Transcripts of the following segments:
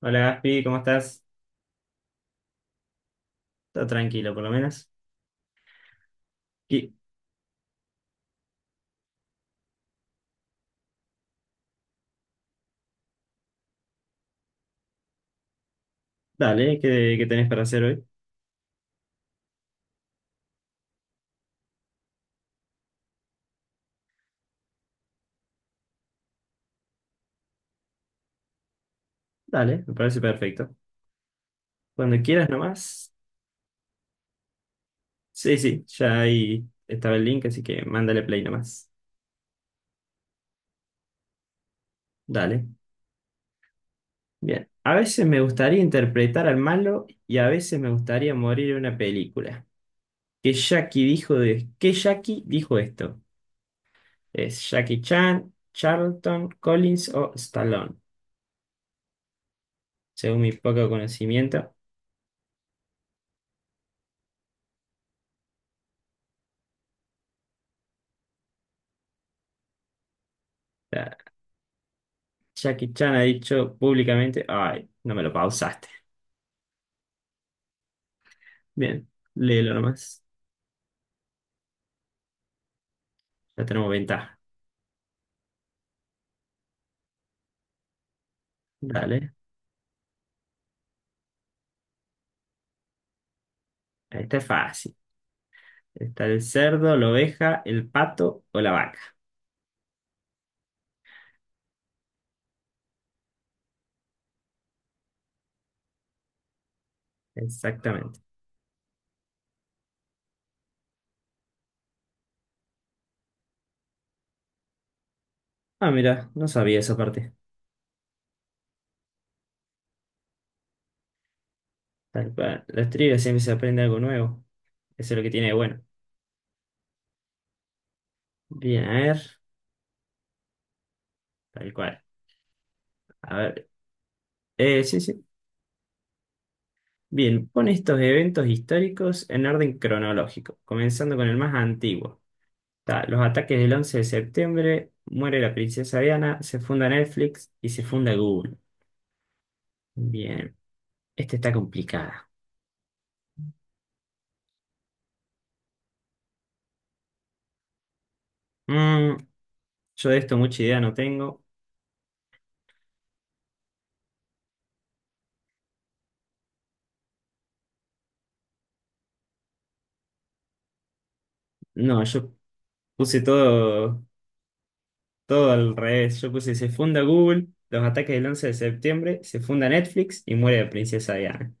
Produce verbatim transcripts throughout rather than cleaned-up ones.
Hola Gaspi, ¿cómo estás? Está tranquilo, por lo menos. Y, dale, ¿qué, qué tenés para hacer hoy? Dale, me parece perfecto. Cuando quieras nomás. Sí, sí, ya ahí estaba el link, así que mándale play nomás. Dale. Bien. A veces me gustaría interpretar al malo y a veces me gustaría morir en una película. ¿Qué Jackie dijo de... ¿Qué Jackie dijo esto? ¿Es Jackie Chan, Charlton, Collins o Stallone? Según mi poco conocimiento. Jackie Chan ha dicho públicamente, ay, no me lo pausaste. Bien, léelo nomás. Ya tenemos ventaja. Dale. Esta es fácil. Está el cerdo, la oveja, el pato o la vaca. Exactamente. Ah, mira, no sabía esa parte. Tal cual. Las trivias siempre se aprende algo nuevo. Eso es lo que tiene de bueno. Bien, a ver. Tal cual. A ver. Eh, sí, sí. Bien, pone estos eventos históricos en orden cronológico, comenzando con el más antiguo. Ta, los ataques del once de septiembre, muere la princesa Diana, se funda Netflix y se funda Google. Bien, esta está complicada. Mm, yo de esto mucha idea no tengo. No, yo puse todo, todo al revés. Yo puse se funda Google, los ataques del once de septiembre, se funda Netflix y muere la princesa Diana.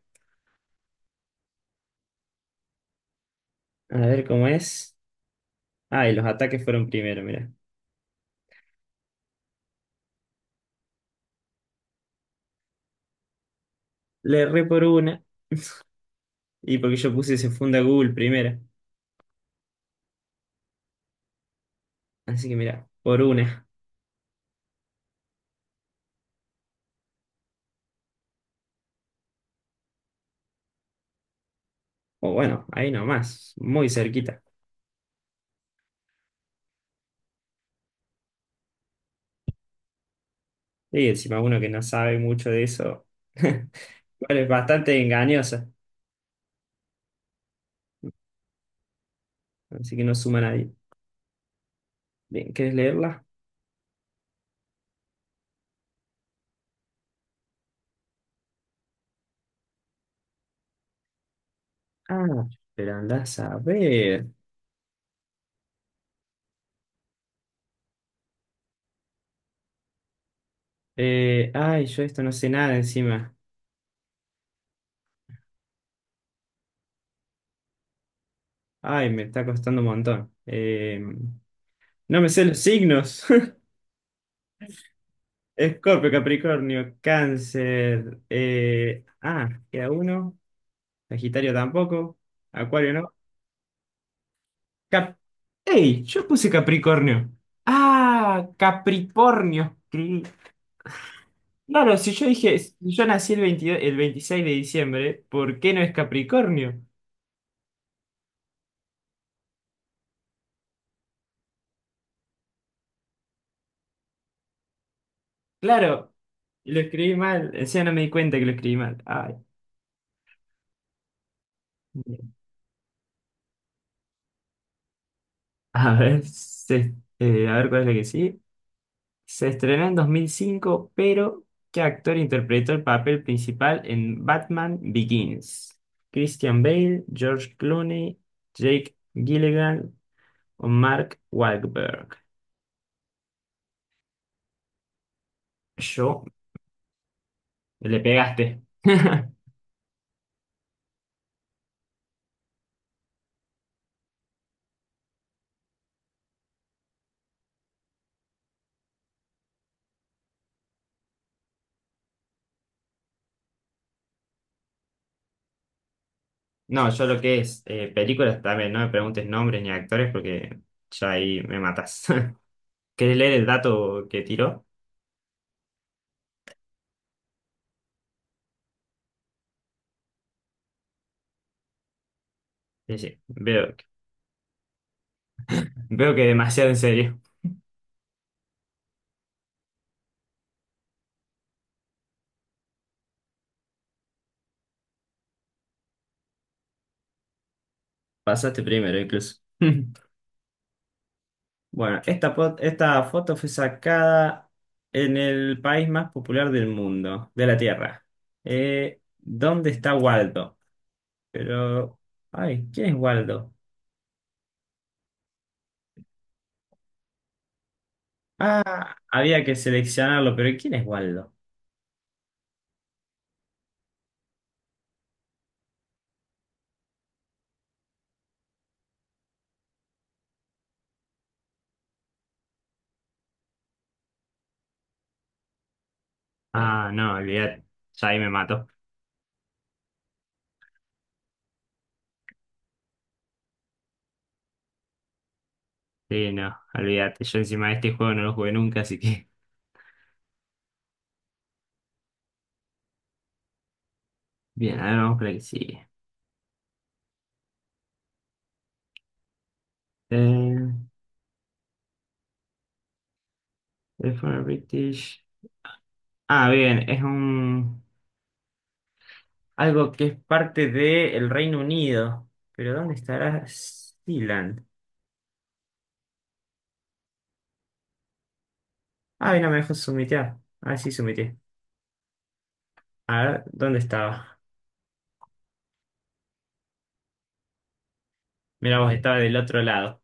A ver cómo es. Ah, y los ataques fueron primero, mira. Le erré por una y porque yo puse se funda Google primero. Así que mira, por una. O bueno, ahí nomás, muy cerquita. Y encima uno que no sabe mucho de eso. Bueno, es bastante engañosa, así que no suma a nadie. Bien, ¿querés leerla? Ah, pero andás a ver. Eh, ay, yo esto no sé nada encima. Ay, me está costando un montón. Eh, no me sé los signos. Escorpio, Capricornio, Cáncer. Eh, ah, queda uno. Sagitario tampoco. Acuario no. Cap ¡Ey! Yo puse Capricornio. Ah, Capricornio. Claro, si yo dije, si yo nací el veintidós, el veintiséis de diciembre, ¿por qué no es Capricornio? Claro, y lo escribí mal, encima no me di cuenta que lo escribí mal. Ay, a ver, se- eh, a ver cuál es la que sí. Se estrenó en dos mil cinco, pero ¿qué actor interpretó el papel principal en Batman Begins? Christian Bale, George Clooney, Jake Gyllenhaal o Mark Wahlberg. Yo le pegaste. No, yo lo que es eh, películas también, no me preguntes nombres ni actores porque ya ahí me matas. ¿Querés leer el dato que tiró? Sí, sí, veo, veo, que demasiado en serio. Pasaste primero, incluso. Bueno, esta, po- esta foto fue sacada en el país más popular del mundo, de la Tierra. Eh, ¿dónde está Waldo? Pero, ay, ¿quién es Waldo? Ah, había que seleccionarlo, pero ¿quién es Waldo? Ah, no, olvidate, ya ahí me mató. Sí, no, olvídate. Yo encima de este juego no lo jugué nunca, así que. Bien, a ver, vamos con el que sigue. Eh, el British. Ah, bien, es un. Algo que es parte del Reino Unido. Pero ¿dónde estará Sealand? Ah, mira, me dejó sumitear. Ah, sí, sumité. A ver, ¿dónde estaba? Mira, vos estaba del otro lado.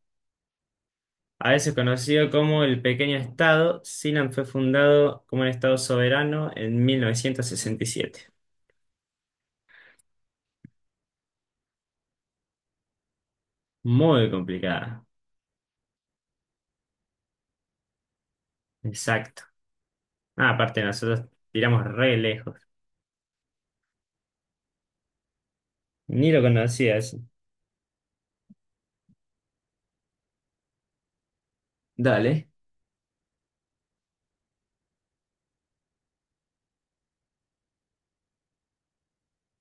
A veces conocido como el pequeño estado, Sealand fue fundado como un estado soberano en mil novecientos sesenta y siete. Muy complicada. Exacto. Ah, aparte nosotros tiramos re lejos. Ni lo conocía eso. Dale.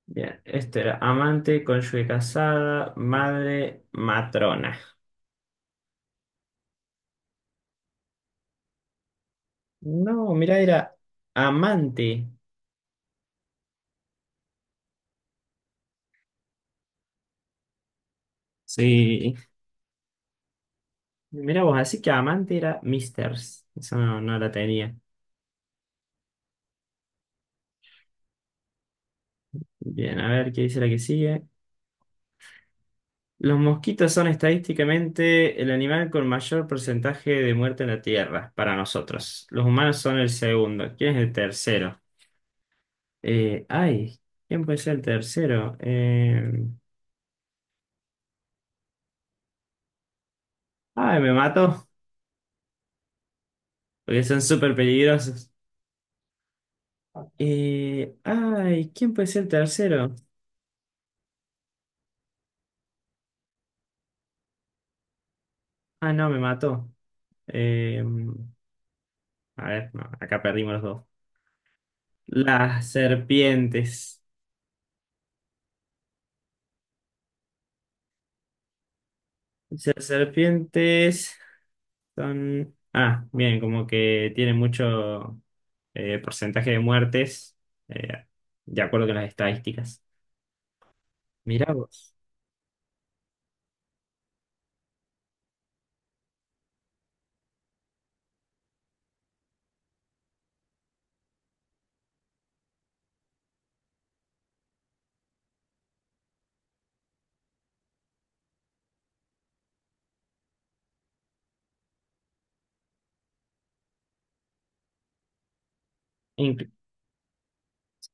Bien. Este era amante, cónyuge casada, madre, matrona. No, mira, era amante. Sí. Mira vos, así que amante era Misters. Eso no, no la tenía. Bien, a ver qué dice la que sigue. Los mosquitos son estadísticamente el animal con mayor porcentaje de muerte en la Tierra, para nosotros. Los humanos son el segundo. ¿Quién es el tercero? Eh, ay, ¿quién puede ser el tercero? Eh, ay, me mato, porque son súper peligrosos. Eh, ay, ¿quién puede ser el tercero? Ah, no, me mató. Eh, a ver, no, acá perdimos los dos. Las serpientes. Las serpientes son... Ah, bien, como que tienen mucho eh, porcentaje de muertes, eh, de acuerdo con las estadísticas. Mirá vos.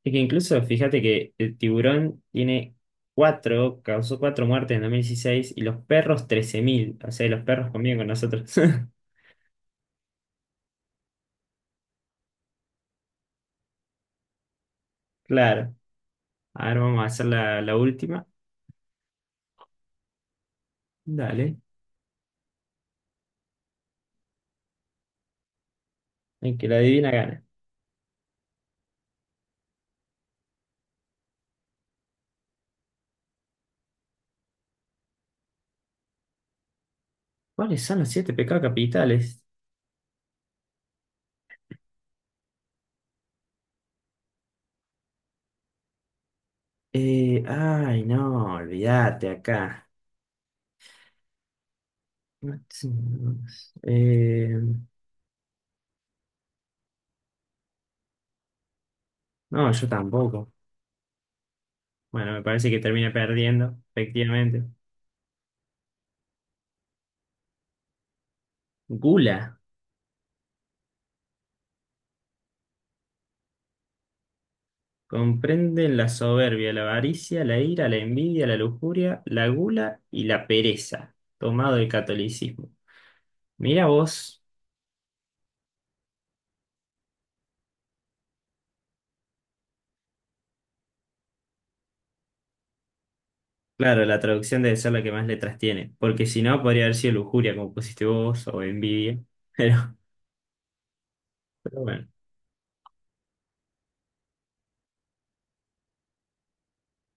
Es que incluso fíjate que el tiburón tiene cuatro, causó cuatro muertes en dos mil dieciséis y los perros trece mil, o sea, los perros conviven con nosotros. Claro. A ver, vamos a hacer la, la última. Dale. El que la adivina gana. ¿Cuáles son los siete pecados capitales? Eh, ay, no, olvídate acá. Eh, no, yo tampoco. Bueno, me parece que termina perdiendo, efectivamente. Gula. Comprenden la soberbia, la avaricia, la ira, la envidia, la lujuria, la gula y la pereza, tomado del catolicismo. Mira vos, claro, la traducción debe ser la que más letras tiene, porque si no podría haber sido lujuria, como pusiste vos, o envidia. Pero, pero bueno,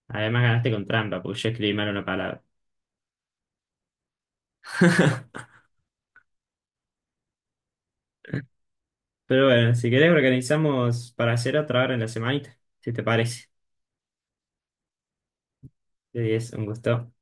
además ganaste con trampa, porque yo escribí mal una palabra. Pero bueno, si querés organizamos para hacer otra hora en la semanita, si te parece. Sí, es un gusto.